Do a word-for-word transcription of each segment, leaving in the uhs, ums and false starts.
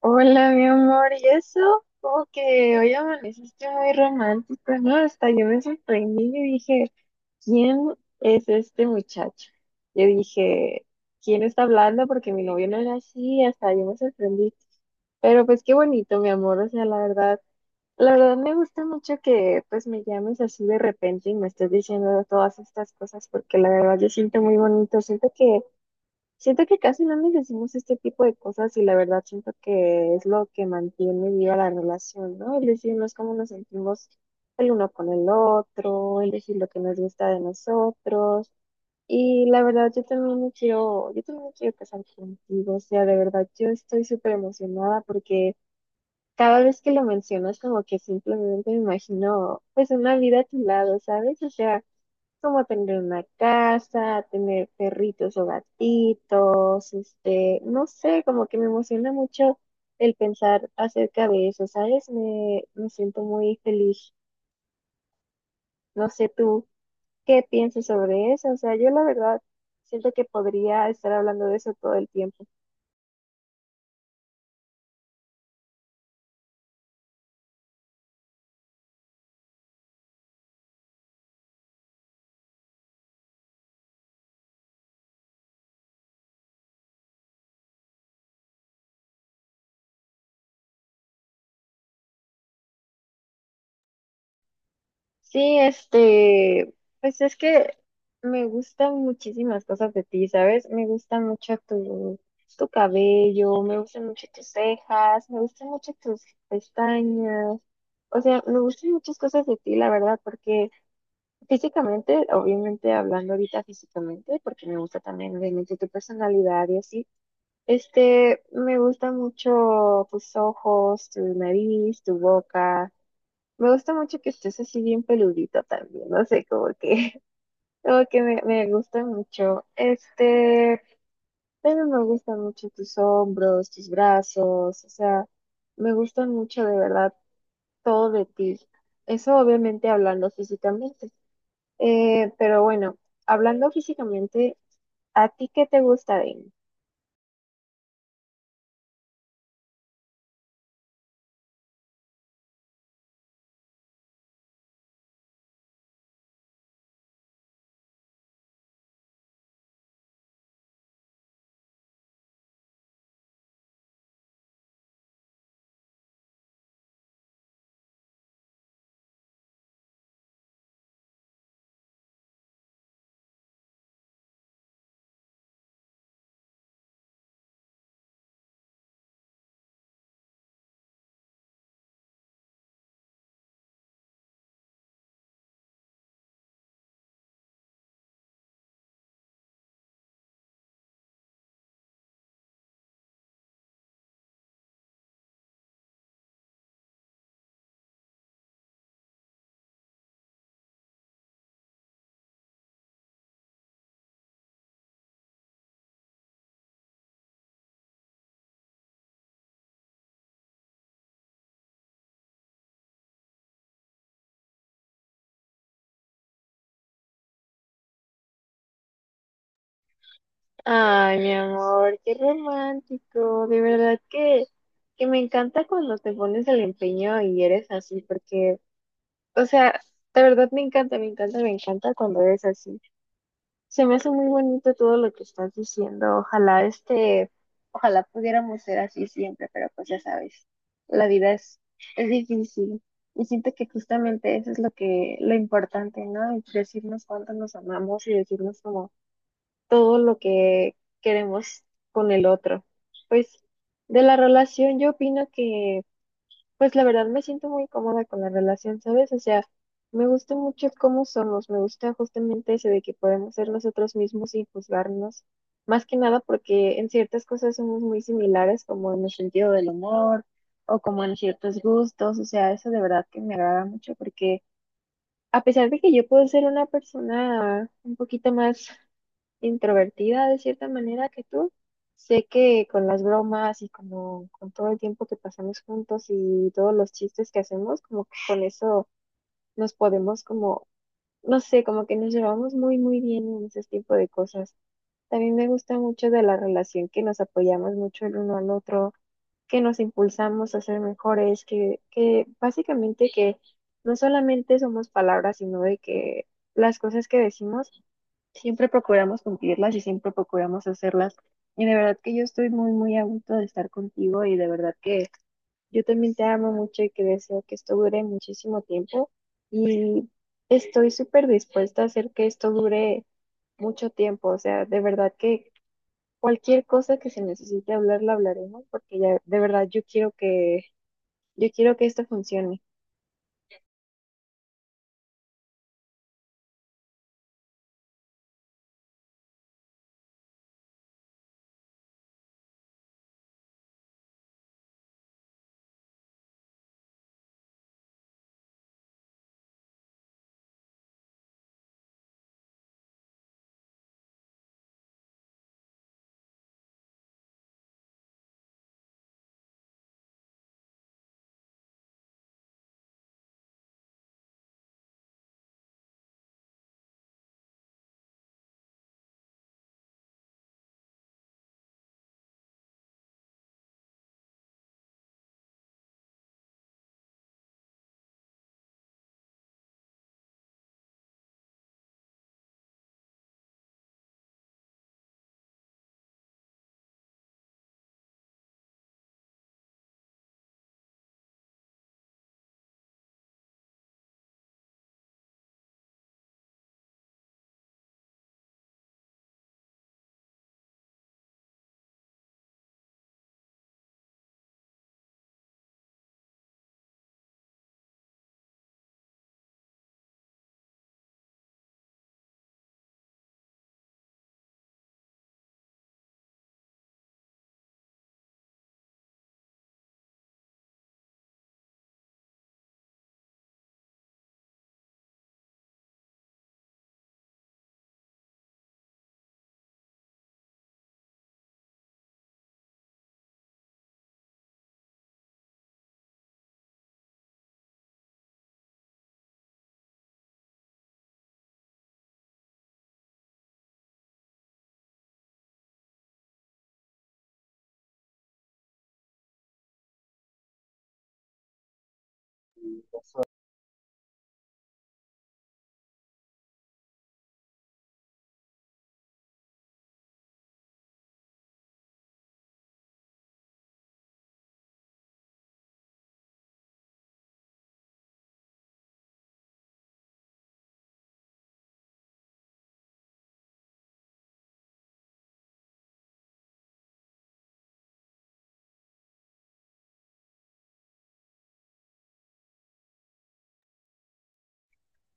Hola, mi amor, ¿y eso? Como que hoy amaneciste muy romántico, ¿no? Hasta yo me sorprendí y dije, ¿quién es este muchacho? Yo dije, ¿quién está hablando? Porque mi novio no era así, hasta yo me sorprendí. Pero pues qué bonito, mi amor, o sea, la verdad, la verdad me gusta mucho que pues me llames así de repente y me estés diciendo todas estas cosas, porque la verdad yo siento muy bonito. siento que Siento que casi no nos decimos este tipo de cosas y la verdad siento que es lo que mantiene viva la relación, ¿no? El decirnos cómo nos sentimos el uno con el otro, el decir lo que nos gusta de nosotros. Y la verdad yo también me quiero, yo también me quiero casar contigo, o sea, de verdad yo estoy súper emocionada porque cada vez que lo mencionas como que simplemente me imagino pues una vida a tu lado, ¿sabes? O sea, como tener una casa, tener perritos o gatitos, este, no sé, como que me emociona mucho el pensar acerca de eso, ¿sabes? Me, me siento muy feliz. No sé tú qué piensas sobre eso, o sea, yo la verdad siento que podría estar hablando de eso todo el tiempo. Sí, este, pues es que me gustan muchísimas cosas de ti, ¿sabes? Me gusta mucho tu, tu cabello, me gustan mucho tus cejas, me gustan mucho tus pestañas, o sea, me gustan muchas cosas de ti, la verdad, porque físicamente, obviamente hablando ahorita físicamente, porque me gusta también obviamente tu personalidad y así, este, me gusta mucho tus ojos, tu nariz, tu boca. Me gusta mucho que estés así bien peludito también, no sé, como que, como que me, me gusta mucho. Este, también me gustan mucho tus hombros, tus brazos, o sea, me gusta mucho de verdad todo de ti. Eso obviamente hablando físicamente. Eh, pero bueno, hablando físicamente, ¿a ti qué te gusta de mí? Ay, mi amor, qué romántico, de verdad que, que me encanta cuando te pones el empeño y eres así, porque, o sea, de verdad me encanta, me encanta, me encanta cuando es así. Se me hace muy bonito todo lo que estás diciendo. Ojalá este, ojalá pudiéramos ser así siempre, pero pues ya sabes, la vida es, es difícil. Y siento que justamente eso es lo que, lo importante, ¿no? Decirnos cuánto nos amamos y decirnos como todo lo que queremos con el otro. Pues de la relación yo opino que pues la verdad me siento muy cómoda con la relación, ¿sabes? O sea, me gusta mucho cómo somos, me gusta justamente eso de que podemos ser nosotros mismos sin juzgarnos, más que nada porque en ciertas cosas somos muy similares, como en el sentido del humor o como en ciertos gustos, o sea, eso de verdad que me agrada mucho porque a pesar de que yo puedo ser una persona un poquito más introvertida de cierta manera que tú. Sé que con las bromas y como con todo el tiempo que pasamos juntos y todos los chistes que hacemos, como que con eso nos podemos como, no sé, como que nos llevamos muy, muy bien en ese tipo de cosas. También me gusta mucho de la relación que nos apoyamos mucho el uno al otro, que nos impulsamos a ser mejores, que, que básicamente que no solamente somos palabras, sino de que las cosas que decimos siempre procuramos cumplirlas y siempre procuramos hacerlas. Y de verdad que yo estoy muy, muy a gusto de estar contigo y de verdad que yo también te amo mucho y que deseo que esto dure muchísimo tiempo y estoy súper dispuesta a hacer que esto dure mucho tiempo. O sea, de verdad que cualquier cosa que se necesite hablar, la hablaremos porque ya de verdad yo quiero que, yo quiero que esto funcione.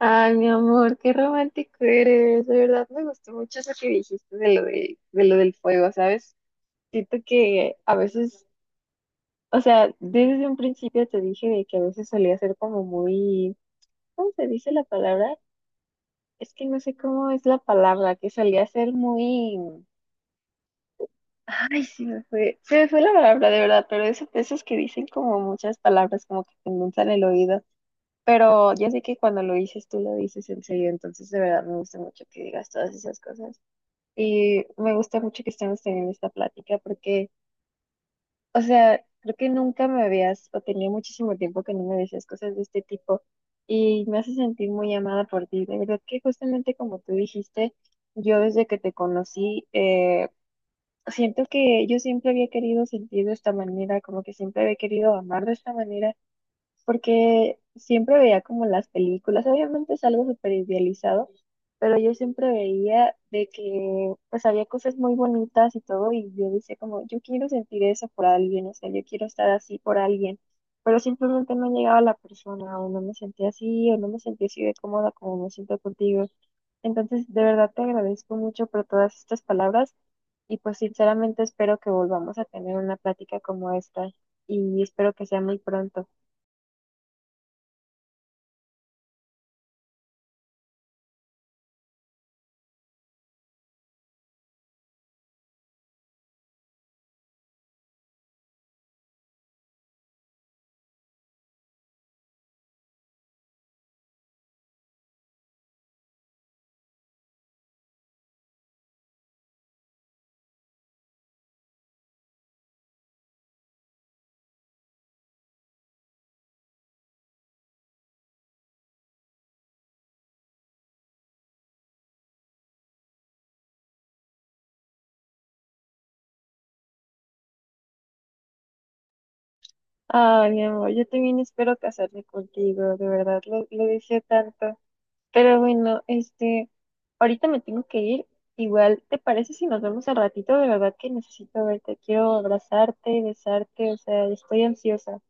Ay, mi amor, qué romántico eres. De verdad me gustó mucho eso que dijiste de lo de, de lo del fuego, ¿sabes? Siento que a veces, o sea, desde un principio te dije de que a veces solía ser como muy, ¿cómo se dice la palabra? Es que no sé cómo es la palabra, que solía ser muy, ay, se me fue, se me fue la palabra de verdad, pero eso, esos que dicen como muchas palabras, como que te endulzan el oído, pero ya sé que cuando lo dices tú lo dices en serio, entonces de verdad me gusta mucho que digas todas esas cosas y me gusta mucho que estemos teniendo esta plática porque, o sea, creo que nunca me habías, o tenía muchísimo tiempo que no me decías cosas de este tipo y me hace sentir muy amada por ti. De verdad que justamente como tú dijiste, yo desde que te conocí, eh, siento que yo siempre había querido sentir de esta manera, como que siempre había querido amar de esta manera porque siempre veía como las películas, obviamente es algo súper idealizado, pero yo siempre veía de que pues había cosas muy bonitas y todo, y yo decía como, yo quiero sentir eso por alguien, o sea, yo quiero estar así por alguien, pero simplemente no llegaba la persona, o no me sentía así, o no me sentía así de cómoda como me siento contigo. Entonces, de verdad te agradezco mucho por todas estas palabras. Y pues sinceramente espero que volvamos a tener una plática como esta y espero que sea muy pronto. Ay, mi amor, yo también espero casarme contigo, de verdad, lo, lo deseo tanto. Pero bueno, este, ahorita me tengo que ir. Igual, ¿te parece si nos vemos al ratito? De verdad que necesito verte, quiero abrazarte, besarte, o sea, estoy ansiosa.